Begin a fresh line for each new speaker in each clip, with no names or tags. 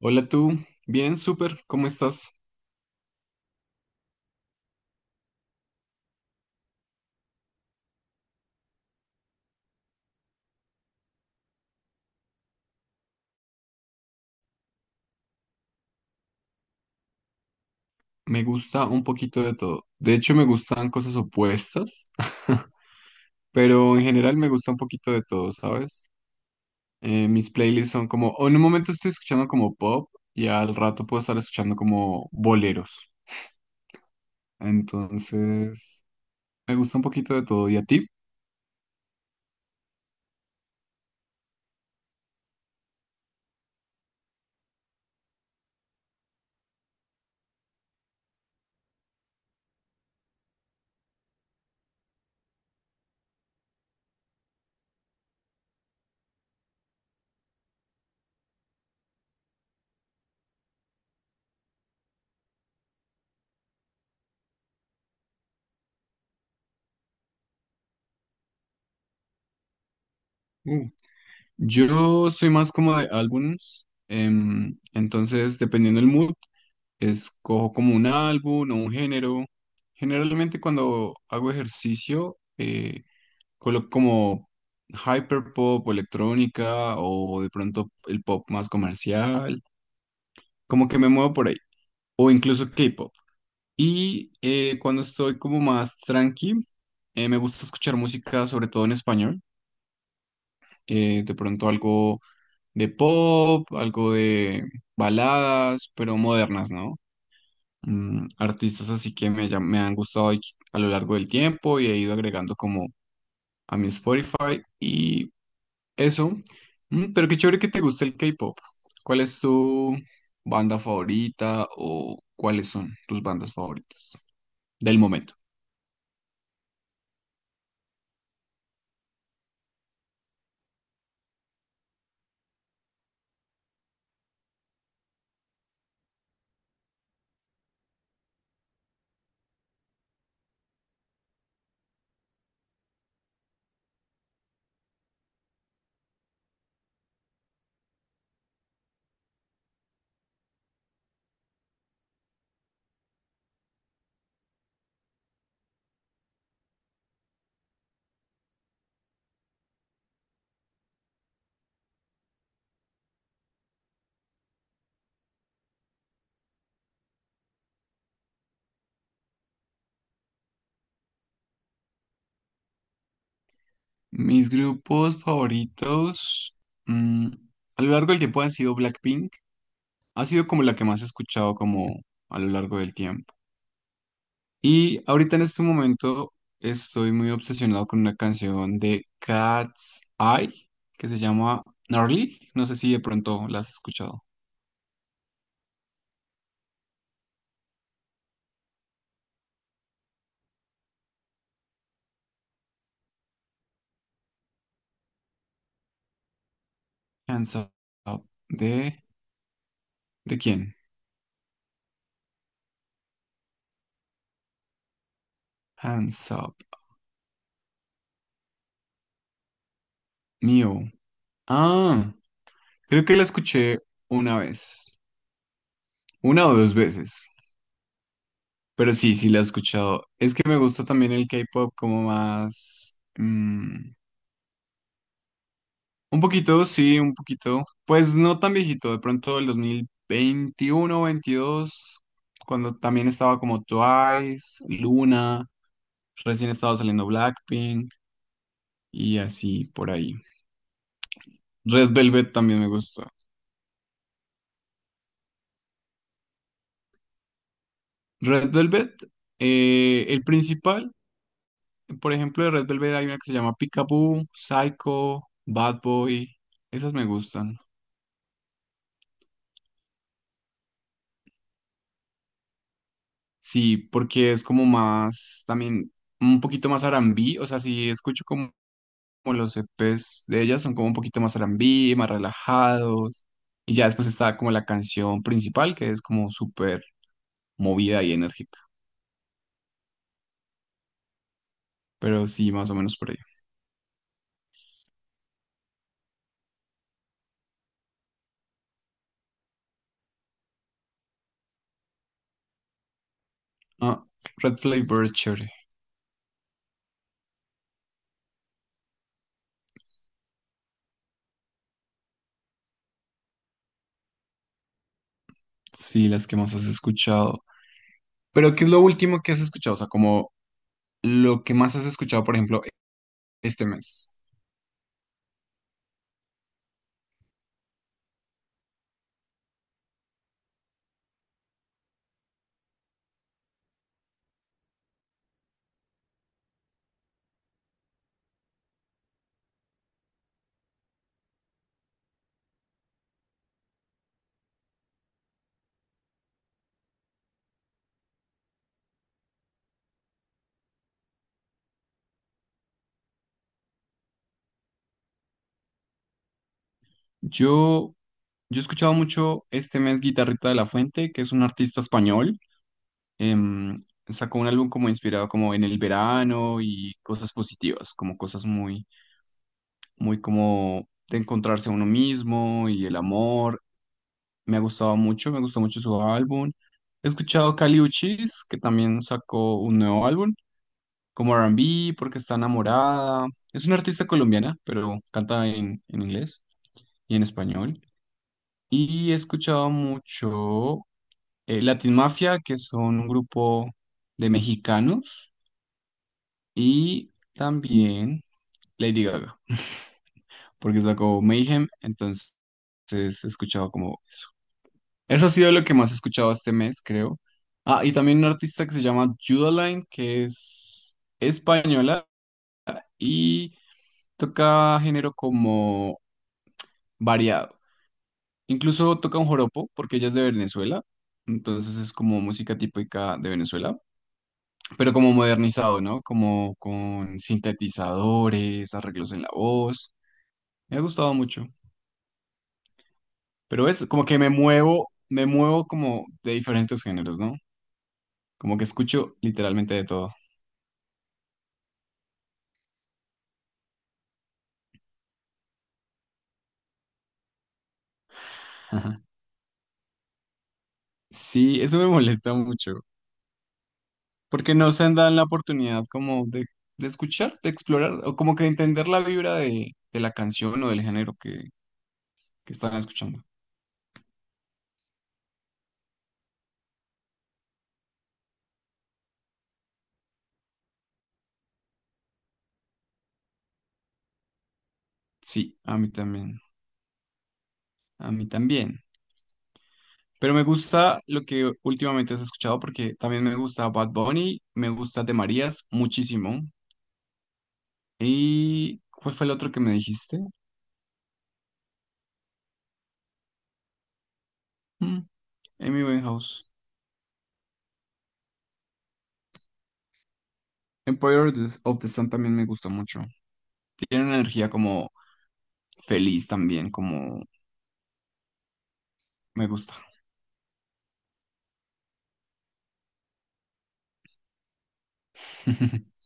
Hola tú, bien, súper, ¿cómo estás? Me gusta un poquito de todo. De hecho, me gustan cosas opuestas, pero en general me gusta un poquito de todo, ¿sabes? Mis playlists son como, o en un momento estoy escuchando como pop y al rato puedo estar escuchando como boleros. Entonces, me gusta un poquito de todo. ¿Y a ti? Yo soy más como de álbumes, entonces dependiendo del mood, escojo como un álbum o un género. Generalmente cuando hago ejercicio, coloco como hyperpop o electrónica o de pronto el pop más comercial, como que me muevo por ahí, o incluso K-pop. Y cuando estoy como más tranqui, me gusta escuchar música sobre todo en español, de pronto algo de pop, algo de baladas, pero modernas, ¿no? Artistas así que me han gustado y a lo largo del tiempo y he ido agregando como a mi Spotify y eso. Pero qué chévere que te guste el K-pop. ¿Cuál es tu banda favorita o cuáles son tus bandas favoritas del momento? Mis grupos favoritos mm, a lo largo del tiempo han sido Blackpink. Ha sido como la que más he escuchado como a lo largo del tiempo. Y ahorita en este momento estoy muy obsesionado con una canción de Cat's Eye que se llama Gnarly. No sé si de pronto la has escuchado. Hands Up. ¿De quién? Hands Up. Mío. Ah, creo que la escuché una vez. Una o dos veces. Pero sí, sí la he escuchado. Es que me gusta también el K-pop como más. Un poquito, sí, un poquito. Pues no tan viejito, de pronto el 2021 22 cuando también estaba como Twice, Luna, recién estaba saliendo Blackpink y así por ahí. Red Velvet también me gusta. Red Velvet, el principal, por ejemplo, de Red Velvet hay una que se llama Peekaboo, Psycho, Bad Boy, esas me gustan. Sí, porque es como más, también un poquito más R&B, o sea, sí escucho como como los EPs de ellas son como un poquito más R&B, más relajados. Y ya después está como la canción principal, que es como súper movida y enérgica. Pero sí, más o menos por ahí. Ah, Red Flavor, chévere. Sí, las que más has escuchado. Pero, ¿qué es lo último que has escuchado? O sea, como lo que más has escuchado, por ejemplo, este mes. Yo, yo he escuchado mucho este mes Guitarrita de la Fuente, que es un artista español em, sacó un álbum como inspirado como en el verano y cosas positivas, como cosas muy, muy como de encontrarse a uno mismo y el amor. Me ha gustado mucho, me gustó mucho su álbum. He escuchado Kali Uchis, que también sacó un nuevo álbum, como R&B, porque está enamorada. Es una artista colombiana, pero canta en inglés y en español. Y he escuchado mucho Latin Mafia, que son un grupo de mexicanos. Y también Lady Gaga, porque sacó Mayhem, entonces he escuchado como eso. Eso ha sido lo que más he escuchado este mes, creo. Ah, y también una artista que se llama Judaline, que es española y toca género como variado. Incluso toca un joropo, porque ella es de Venezuela, entonces es como música típica de Venezuela, pero como modernizado, ¿no? Como con sintetizadores, arreglos en la voz. Me ha gustado mucho. Pero es como que me muevo como de diferentes géneros, ¿no? Como que escucho literalmente de todo. Ajá. Sí, eso me molesta mucho, porque no se dan la oportunidad como de escuchar, de explorar, o como que de entender la vibra de la canción o del género que están escuchando. Sí, a mí también, a mí también. Pero me gusta lo que últimamente has escuchado, porque también me gusta Bad Bunny, me gusta De Marías muchísimo. ¿Y cuál fue el otro que me dijiste? Mm, Amy Winehouse. Empire of the Sun también me gusta mucho. Tiene una energía como feliz también, como me gusta.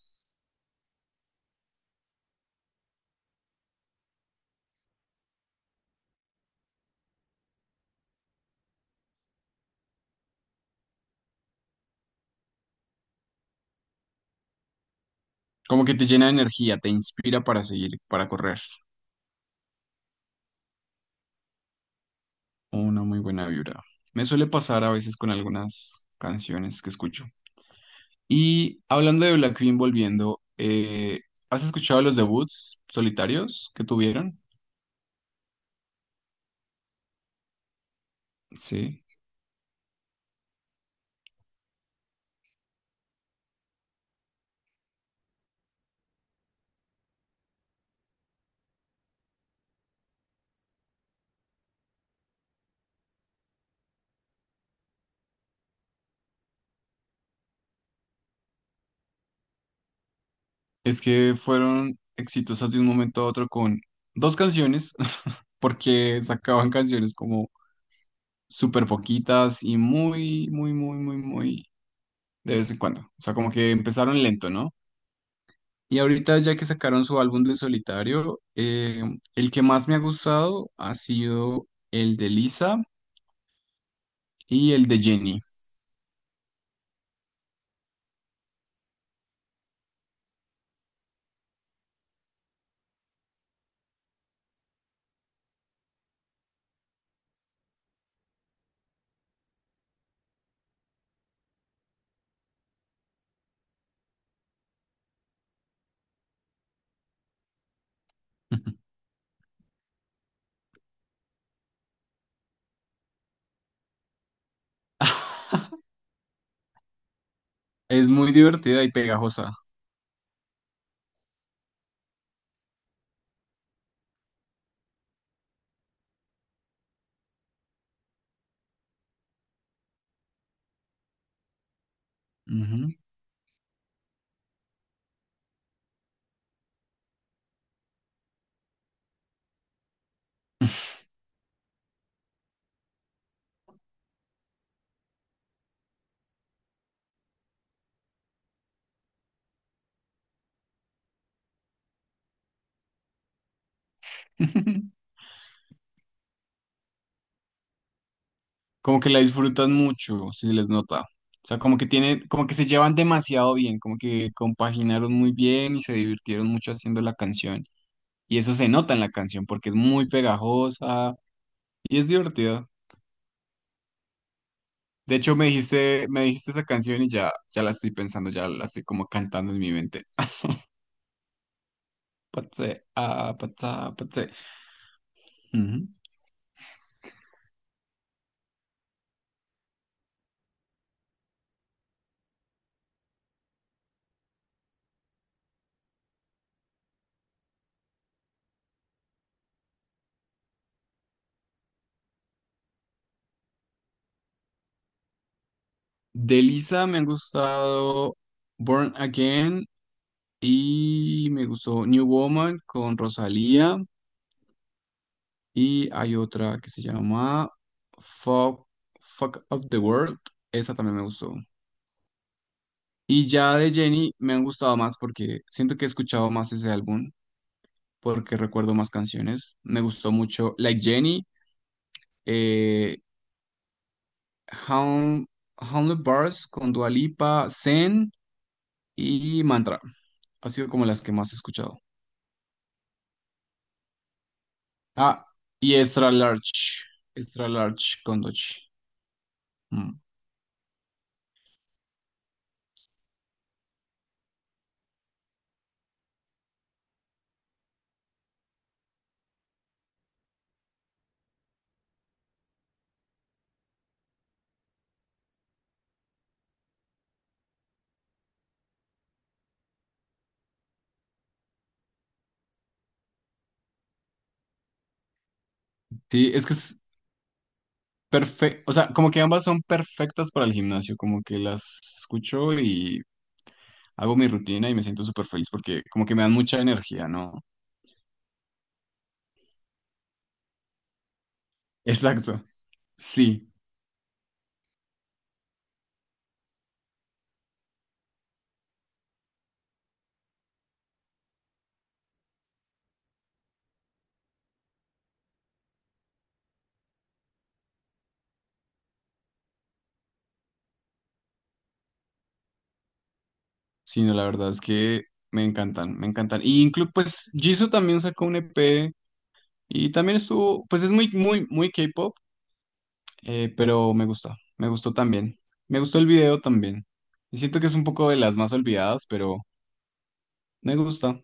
Como que te llena de energía, te inspira para seguir, para correr. Una muy buena vibra. Me suele pasar a veces con algunas canciones que escucho. Y hablando de Blackpink volviendo, ¿has escuchado los debuts solitarios que tuvieron? Sí. Es que fueron exitosas de un momento a otro con dos canciones, porque sacaban canciones como súper poquitas y muy, muy, muy, muy, muy de vez en cuando. O sea, como que empezaron lento, ¿no? Y ahorita ya que sacaron su álbum de solitario, el que más me ha gustado ha sido el de Lisa y el de Jenny. Es muy divertida y pegajosa. Ujú. Como que la disfrutan mucho, si se les nota. O sea, como que tienen, como que se llevan demasiado bien, como que compaginaron muy bien y se divirtieron mucho haciendo la canción. Y eso se nota en la canción porque es muy pegajosa y es divertida. De hecho, me dijiste esa canción y ya la estoy pensando, ya la estoy como cantando en mi mente. Patse, ah, patsa, patse. Ujú. De Lisa me han gustado Born Again y me gustó New Woman con Rosalía. Y hay otra que se llama Fuck, Fuck of the World. Esa también me gustó. Y ya de Jenny me han gustado más porque siento que he escuchado más ese álbum, porque recuerdo más canciones. Me gustó mucho Like Jenny, eh, Hound, Hounded Bars con Dua Lipa, Zen y Mantra. Ha sido como las que más he escuchado. Ah, y Extra Large, Extra Large con Dochi. Mm. Sí, es que es perfecto, o sea, como que ambas son perfectas para el gimnasio, como que las escucho y hago mi rutina y me siento súper feliz porque como que me dan mucha energía, ¿no? Exacto, sí, sí, no, la verdad es que me encantan, me encantan. Y incluso, pues, Jisoo también sacó un EP y también estuvo, pues es muy, muy, muy K-pop, pero me gusta, me gustó también. Me gustó el video también. Y siento que es un poco de las más olvidadas, pero me gusta.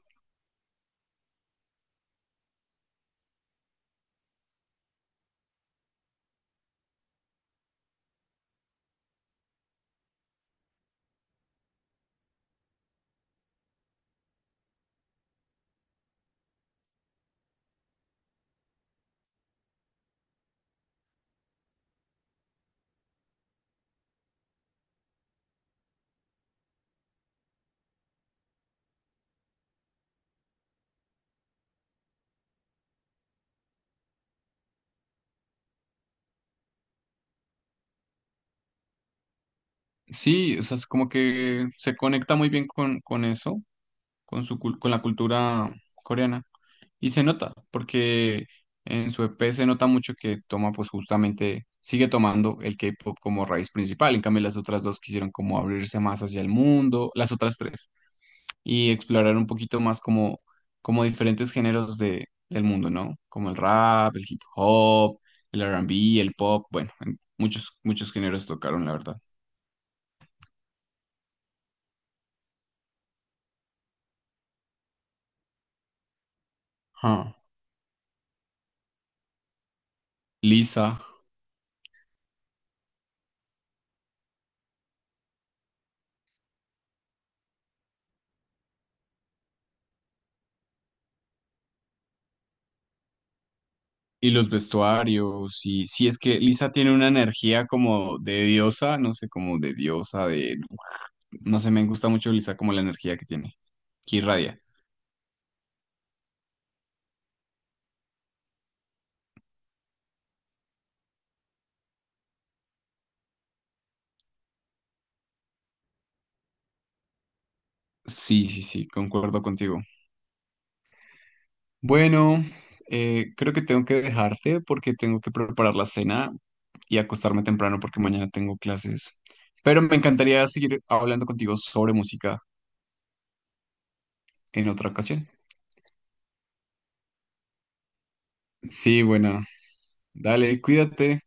Sí, o sea, es como que se conecta muy bien con, eso, con la cultura coreana. Y se nota, porque en su EP se nota mucho que toma, pues justamente, sigue tomando el K-pop como raíz principal. En cambio, las otras dos quisieron como abrirse más hacia el mundo, las otras tres, y explorar un poquito más como, como diferentes géneros del mundo, ¿no? Como el rap, el hip hop, el R&B, el pop, bueno, en muchos, muchos géneros tocaron, la verdad. Ah, Lisa. Y los vestuarios, y sí, es que Lisa tiene una energía como de diosa, no sé, como de diosa, de No sé, me gusta mucho Lisa como la energía que tiene, que irradia. Sí, sí, sí, concuerdo contigo. Bueno, creo que tengo que dejarte porque tengo que preparar la cena y acostarme temprano porque mañana tengo clases. Pero me encantaría seguir hablando contigo sobre música en otra ocasión. Sí, bueno, dale, cuídate.